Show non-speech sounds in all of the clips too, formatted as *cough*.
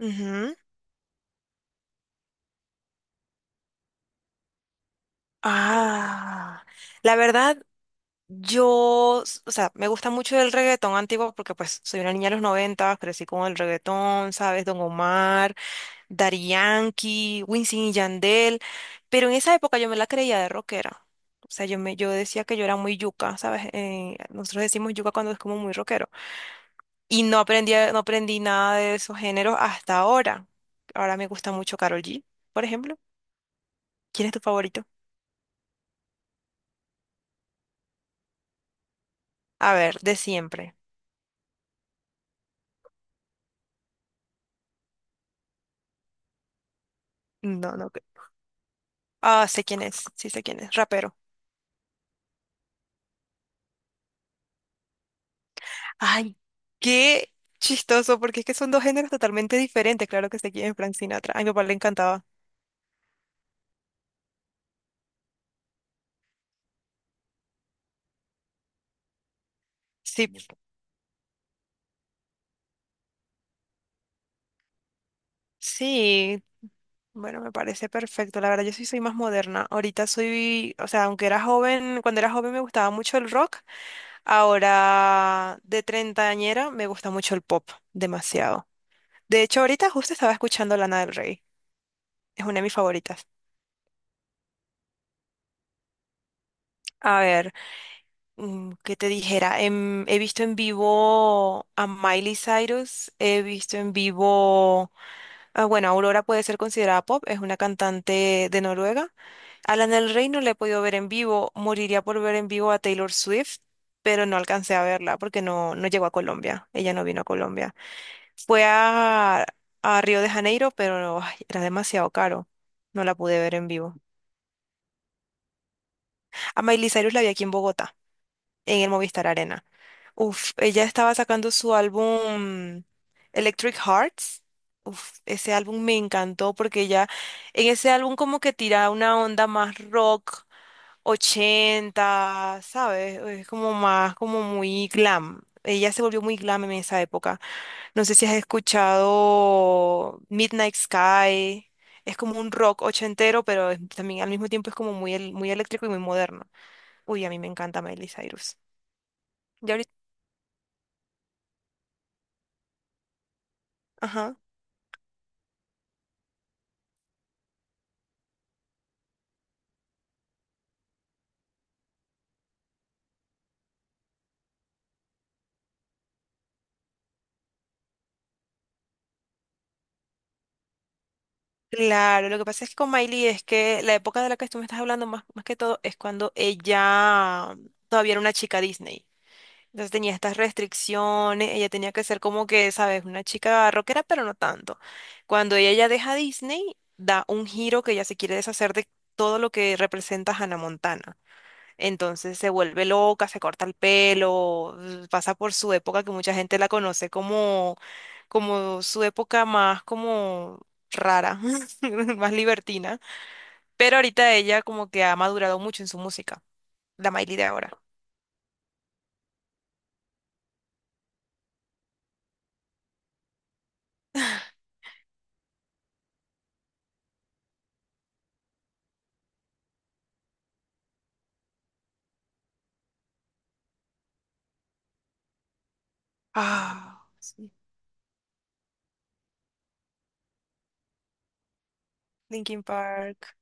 Ujú. Ah, la verdad, o sea, me gusta mucho el reggaetón antiguo porque pues soy una niña de los 90 crecí con el reggaetón, ¿sabes? Don Omar, Daddy Yankee, Wisin y Yandel, pero en esa época yo me la creía de rockera. O sea, yo decía que yo era muy yuca, ¿sabes? Nosotros decimos yuca cuando es como muy rockero. Y no aprendí nada de esos géneros hasta ahora. Ahora me gusta mucho Karol G, por ejemplo. ¿Quién es tu favorito? A ver, de siempre. No, no. Ah, sé quién es, sí sé quién es, rapero. Ay, qué chistoso, porque es que son dos géneros totalmente diferentes. Claro que sé quién es Frank Sinatra. A mi papá le encantaba. Sí, sí. Bueno, me parece perfecto. La verdad, yo sí soy más moderna. Ahorita soy, o sea, aunque era joven, cuando era joven me gustaba mucho el rock. Ahora, de treintañera, me gusta mucho el pop, demasiado. De hecho, ahorita justo estaba escuchando Lana del Rey. Es una de mis favoritas. A ver. ¿Qué te dijera? He visto en vivo a Miley Cyrus, he visto en vivo, ah, bueno, Aurora puede ser considerada pop, es una cantante de Noruega. Alan del Rey no la he podido ver en vivo, moriría por ver en vivo a Taylor Swift, pero no alcancé a verla porque no llegó a Colombia, ella no vino a Colombia. Fue a Río de Janeiro, pero ay, era demasiado caro, no la pude ver en vivo. A Miley Cyrus la vi aquí en Bogotá, en el Movistar Arena. Uf, ella estaba sacando su álbum Electric Hearts. Uf, ese álbum me encantó porque ella en ese álbum como que tira una onda más rock 80, ¿sabes? Es como más, como muy glam. Ella se volvió muy glam en esa época. No sé si has escuchado Midnight Sky. Es como un rock ochentero, pero también al mismo tiempo es como muy, muy eléctrico y muy moderno. Uy, a mí me encanta Miley Cyrus. Ya. Ajá. Claro, lo que pasa es que con Miley es que la época de la que tú me estás hablando más, más que todo es cuando ella todavía era una chica Disney. Entonces tenía estas restricciones, ella tenía que ser como que, sabes, una chica rockera, pero no tanto. Cuando ella ya deja Disney, da un giro que ella se quiere deshacer de todo lo que representa Hannah Montana. Entonces se vuelve loca, se corta el pelo, pasa por su época que mucha gente la conoce como su época más como rara, *laughs* más libertina. Pero ahorita ella como que ha madurado mucho en su música, la Miley de ahora. Ah, sí. Linkin Park.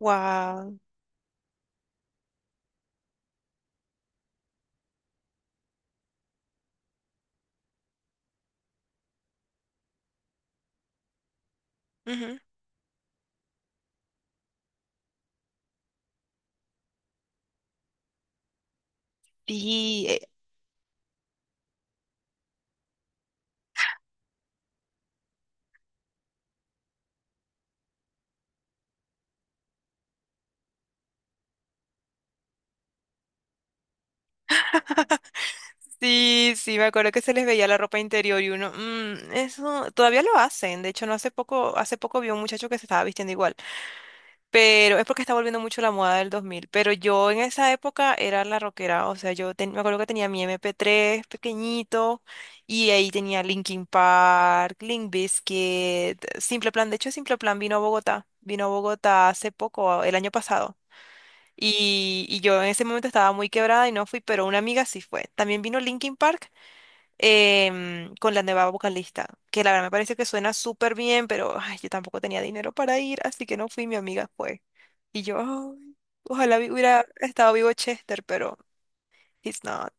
Wow. Ujú. Sí, sí, sí, me acuerdo que se les veía la ropa interior y uno, "Mm, eso todavía lo hacen. De hecho, no hace poco, hace poco vi un muchacho que se estaba vistiendo igual. Pero es porque está volviendo mucho la moda del 2000. Pero yo en esa época era la rockera. O sea, me acuerdo que tenía mi MP3 pequeñito. Y ahí tenía Linkin Park, Limp Bizkit, Simple Plan. De hecho, Simple Plan vino a Bogotá. Vino a Bogotá hace poco, el año pasado. Y yo en ese momento estaba muy quebrada y no fui, pero una amiga sí fue. También vino Linkin Park con la nueva vocalista, que la verdad me parece que suena súper bien, pero ay, yo tampoco tenía dinero para ir, así que no fui, mi amiga fue. Y yo, "Ay, ojalá hubiera estado vivo Chester, pero he's not."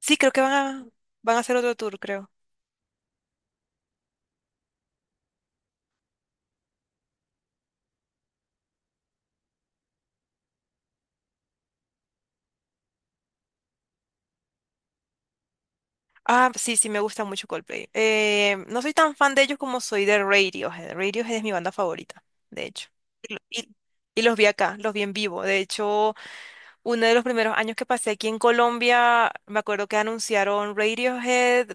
Sí, creo que van a hacer otro tour, creo. Ah, sí, sí, me gusta mucho Coldplay. No soy tan fan de ellos como soy de Radiohead. Radiohead es mi banda favorita, de hecho. Y, lo- y- y los vi acá, los vi en vivo. De hecho, uno de los primeros años que pasé aquí en Colombia, me acuerdo que anunciaron Radiohead,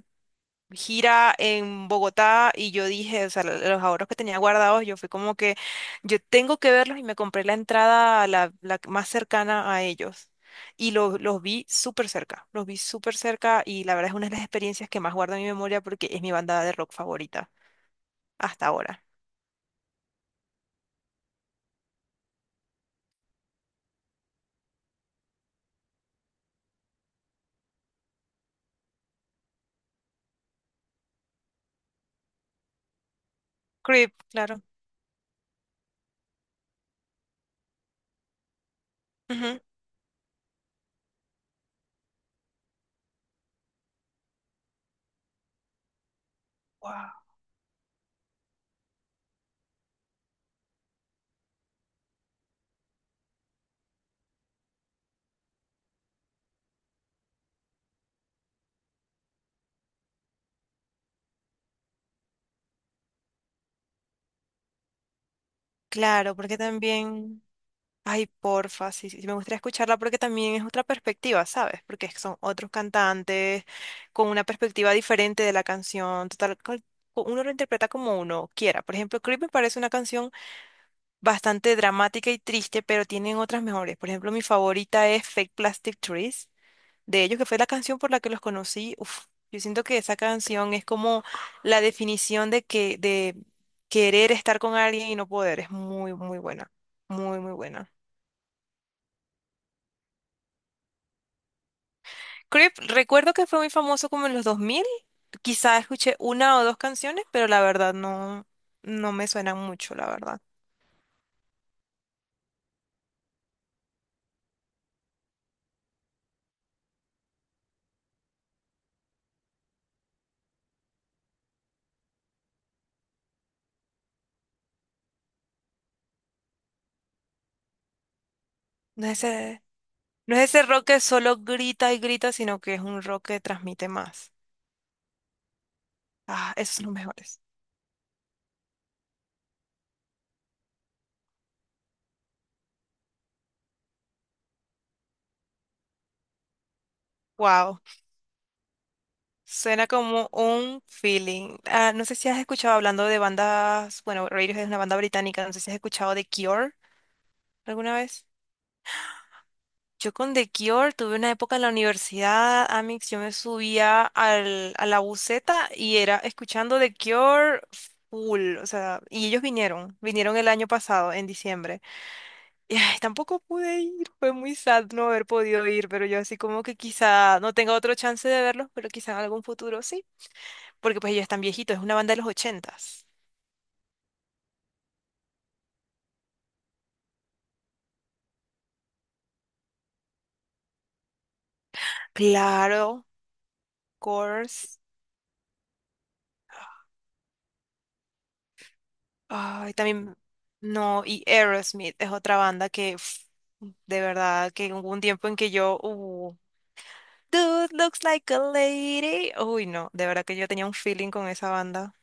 gira en Bogotá, y yo dije, o sea, los ahorros que tenía guardados, yo fui como que, yo tengo que verlos y me compré la entrada, la más cercana a ellos. Y los vi súper cerca, los vi súper cerca y la verdad es una de las experiencias que más guardo en mi memoria porque es mi banda de rock favorita hasta ahora. Creep, claro. Ujú. Claro, porque también... Ay, porfa, sí, sí, sí, me gustaría escucharla porque también es otra perspectiva, ¿sabes? Porque es que son otros cantantes con una perspectiva diferente de la canción, total, uno lo interpreta como uno quiera. Por ejemplo, Creep me parece una canción bastante dramática y triste, pero tienen otras mejores. Por ejemplo, mi favorita es Fake Plastic Trees, de ellos, que fue la canción por la que los conocí. Uf, yo siento que esa canción es como la definición de que, de querer estar con alguien y no poder. Es muy, muy buena, muy, muy buena. Creep, recuerdo que fue muy famoso como en los 2000. Quizá escuché una o dos canciones, pero la verdad no, no me suenan mucho, la verdad. No es ese, no es ese rock que solo grita y grita, sino que es un rock que transmite más. Ah, esos son los mejores. Wow, suena como un feeling. Ah, no sé si has escuchado hablando de bandas, bueno, Radiohead es una banda británica, no sé si has escuchado de Cure alguna vez. Yo con The Cure tuve una época en la universidad, Amix, yo me subía a la buseta y era escuchando The Cure full, o sea, y ellos vinieron el año pasado, en diciembre. Y ay, tampoco pude ir, fue muy sad no haber podido ir, pero yo así como que quizá no tenga otro chance de verlos, pero quizá en algún futuro sí, porque pues ellos están viejitos, es una banda de los 80s. Claro, course. Ay, también, no, y Aerosmith es otra banda que, uf, de verdad, que hubo un tiempo en que yo, Dude looks like a lady. Uy, no, de verdad que yo tenía un feeling con esa banda.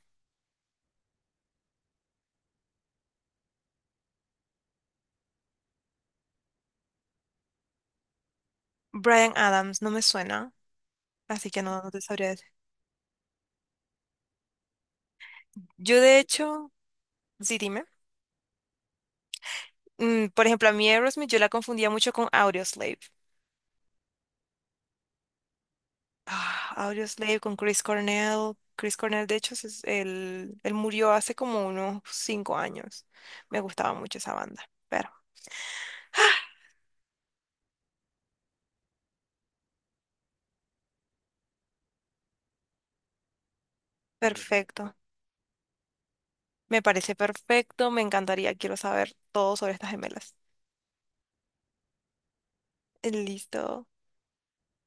Bryan Adams no me suena, así que no, no te sabría decir. Yo, de hecho, sí, dime. Por ejemplo, a mí Aerosmith yo la confundía mucho con Audioslave. Ah, Audioslave con Chris Cornell. Chris Cornell, de hecho, él murió hace como unos 5 años. Me gustaba mucho esa banda. Perfecto. Me parece perfecto. Me encantaría. Quiero saber todo sobre estas gemelas. Listo.